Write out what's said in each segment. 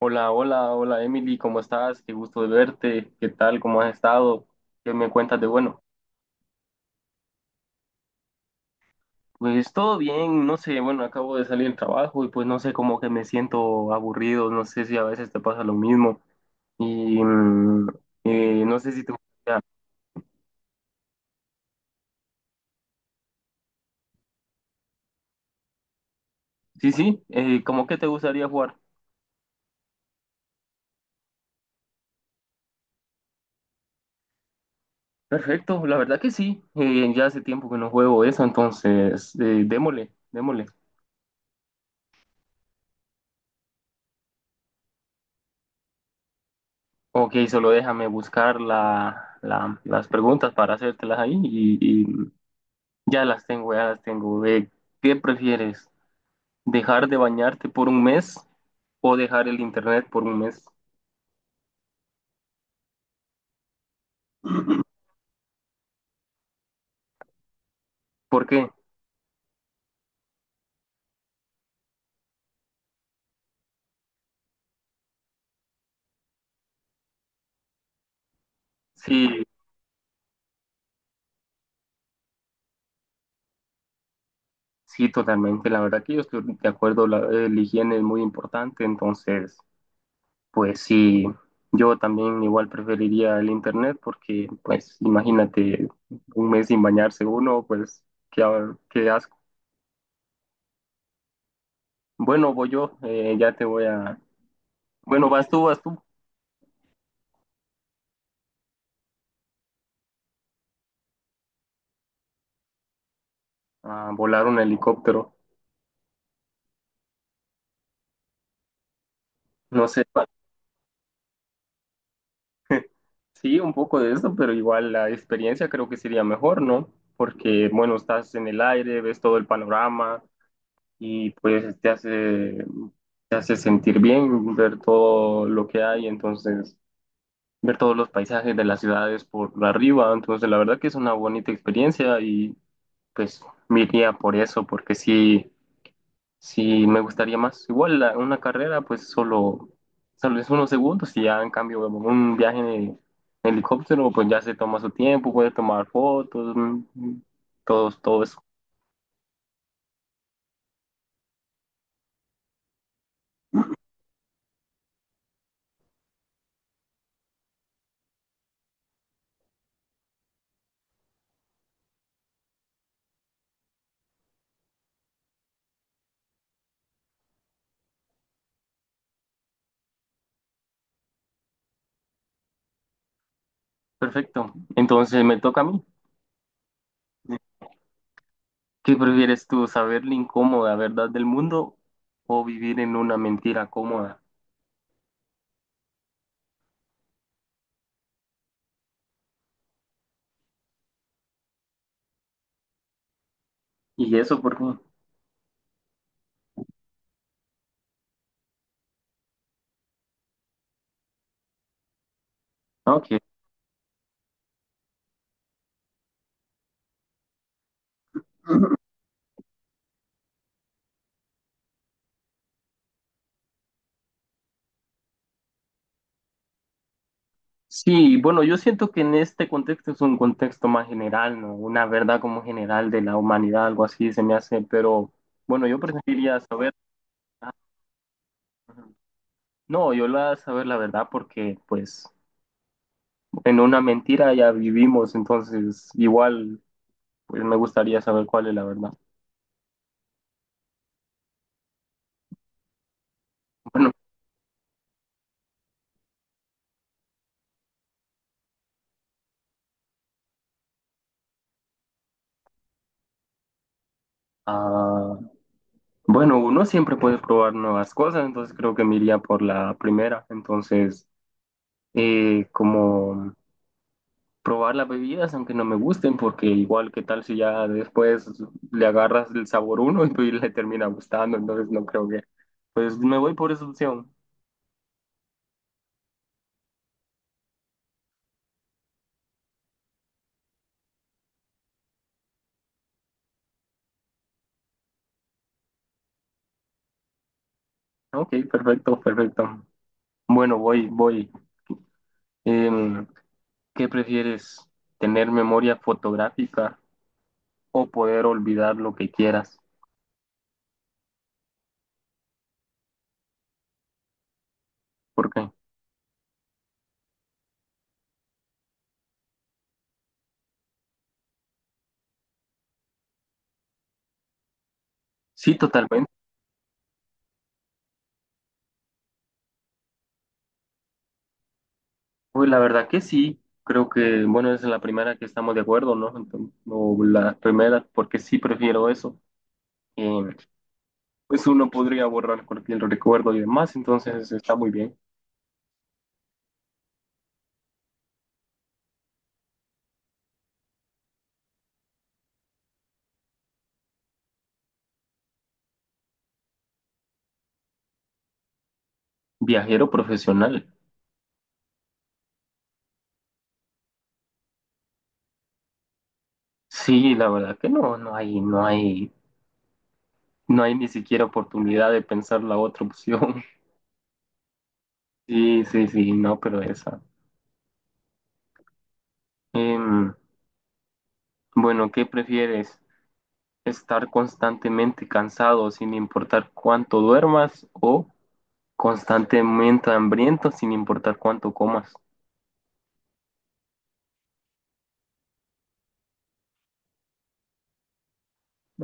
Hola, hola, hola Emily, ¿cómo estás? Qué gusto de verte, ¿qué tal? ¿Cómo has estado? ¿Qué me cuentas de bueno? Pues todo bien, no sé, bueno, acabo de salir del trabajo y pues no sé, como que me siento aburrido, no sé si a veces te pasa lo mismo y no sé si te gustaría, sí, sí, ¿cómo que te gustaría jugar? Perfecto, la verdad que sí, ya hace tiempo que no juego eso, entonces démosle, démosle. Ok, solo déjame buscar las preguntas para hacértelas ahí y, ya las tengo, ya las tengo. ¿Qué prefieres? ¿Dejar de bañarte por un mes o dejar el internet por un mes? ¿Por qué? Sí, sí, totalmente. La verdad que yo estoy de acuerdo, el higiene es muy importante, entonces, pues sí, yo también igual preferiría el internet porque, pues, imagínate un mes sin bañarse uno, pues, qué, qué asco. Bueno, voy yo, ya te voy a... Bueno, vas tú, a volar un helicóptero. No sé. Sí, un poco de eso, pero igual la experiencia creo que sería mejor, ¿no? Porque, bueno, estás en el aire, ves todo el panorama y pues te hace sentir bien ver todo lo que hay, entonces ver todos los paisajes de las ciudades por arriba, entonces la verdad que es una bonita experiencia y pues me iría por eso, porque sí, sí, me gustaría más. Una carrera, pues solo, solo es unos segundos y ya en cambio un viaje en helicóptero, pues ya se toma su tiempo, puede tomar fotos, todo, todo eso. Perfecto. Entonces me toca a mí. ¿Qué prefieres tú, saber la incómoda verdad del mundo o vivir en una mentira cómoda? ¿Y eso por qué? Ok. Sí, bueno, yo siento que en este contexto es un contexto más general, ¿no? Una verdad como general de la humanidad, algo así se me hace, pero bueno, yo preferiría saber, no, yo la saber la verdad porque pues en una mentira ya vivimos, entonces igual pues me gustaría saber cuál es la verdad. Bueno, ah, bueno, uno siempre puede probar nuevas cosas, entonces creo que me iría por la primera, entonces como... probar las bebidas, aunque no me gusten, porque igual qué tal si ya después le agarras el sabor uno y pues le termina gustando, entonces no creo que, pues me voy por esa opción. Ok, perfecto, perfecto. Bueno, voy, voy. Em, ¿Qué prefieres? ¿Tener memoria fotográfica o poder olvidar lo que quieras? ¿Por qué? Sí, totalmente. Pues la verdad que sí. Creo que, bueno, es la primera que estamos de acuerdo, ¿no? Entonces, o la primera, porque sí prefiero eso. Em, pues uno podría borrar cualquier recuerdo y demás, entonces está muy bien. Viajero profesional. Sí, la verdad que no, no hay, no hay, no hay ni siquiera oportunidad de pensar la otra opción. Sí, sí, sí, no, pero esa. Em, bueno, ¿qué prefieres? ¿Estar constantemente cansado sin importar cuánto duermas o constantemente hambriento sin importar cuánto comas?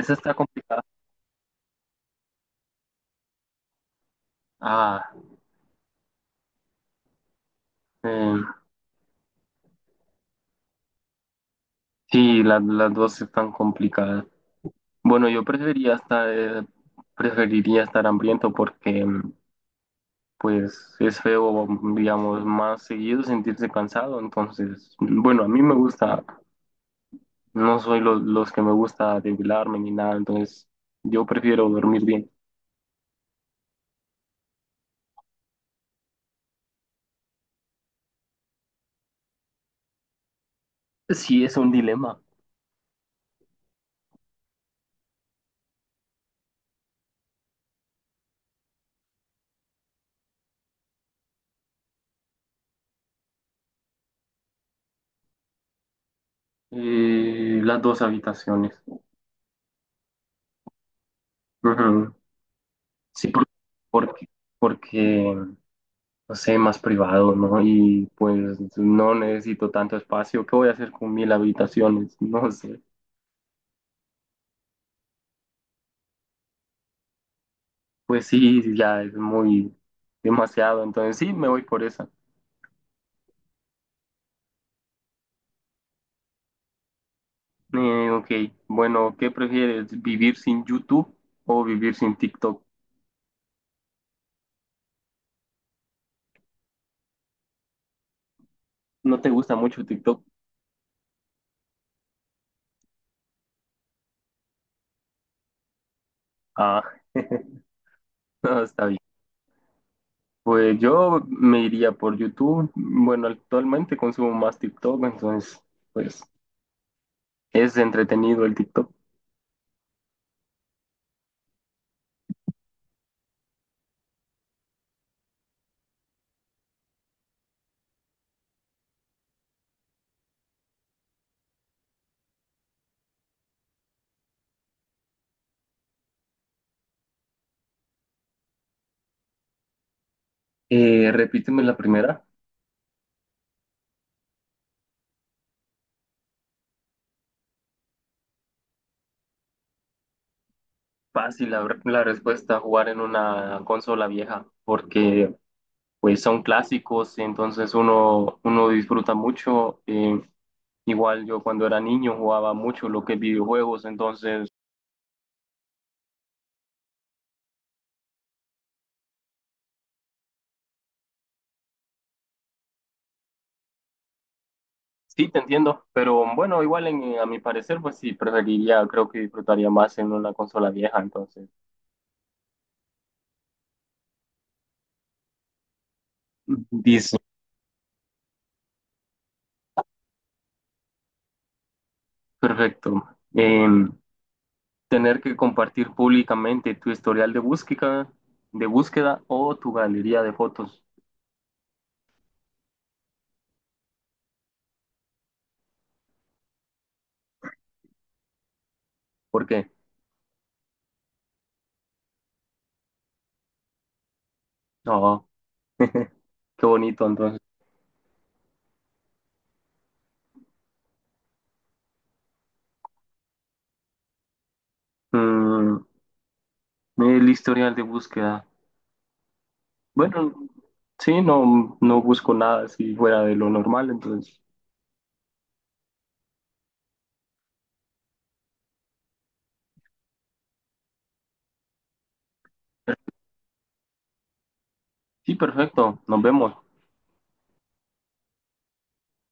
Esa está complicada. Ah, em, sí, las dos están complicadas. Bueno, yo preferiría estar hambriento porque pues es feo, digamos, más seguido sentirse cansado. Entonces, bueno, a mí me gusta, no soy los que me gusta debilarme ni nada, entonces yo prefiero dormir bien. Sí, es un dilema. Las dos habitaciones. Ujú. Sí, porque, porque, no sé, más privado, ¿no? Y pues no necesito tanto espacio. ¿Qué voy a hacer con mil habitaciones? No sé. Pues sí, ya es muy demasiado. Entonces sí, me voy por esa. Ok, bueno, ¿qué prefieres? ¿Vivir sin YouTube o vivir sin TikTok? ¿No te gusta mucho TikTok? Ah, no, está bien. Pues yo me iría por YouTube. Bueno, actualmente consumo más TikTok, entonces pues es entretenido el TikTok. Repíteme la primera. Fácil la respuesta, jugar en una consola vieja, porque pues son clásicos, entonces uno, uno disfruta mucho. Igual yo cuando era niño jugaba mucho lo que es videojuegos, entonces sí, te entiendo, pero bueno, a mi parecer, pues sí, preferiría, creo que disfrutaría más en una consola vieja, entonces. Dice, perfecto. Em, tener que compartir públicamente tu historial de búsqueda o tu galería de fotos. ¿Por qué? No, qué bonito entonces. Mm, el historial de búsqueda. Bueno, sí, no, no busco nada así fuera de lo normal, entonces. Sí, perfecto, nos vemos.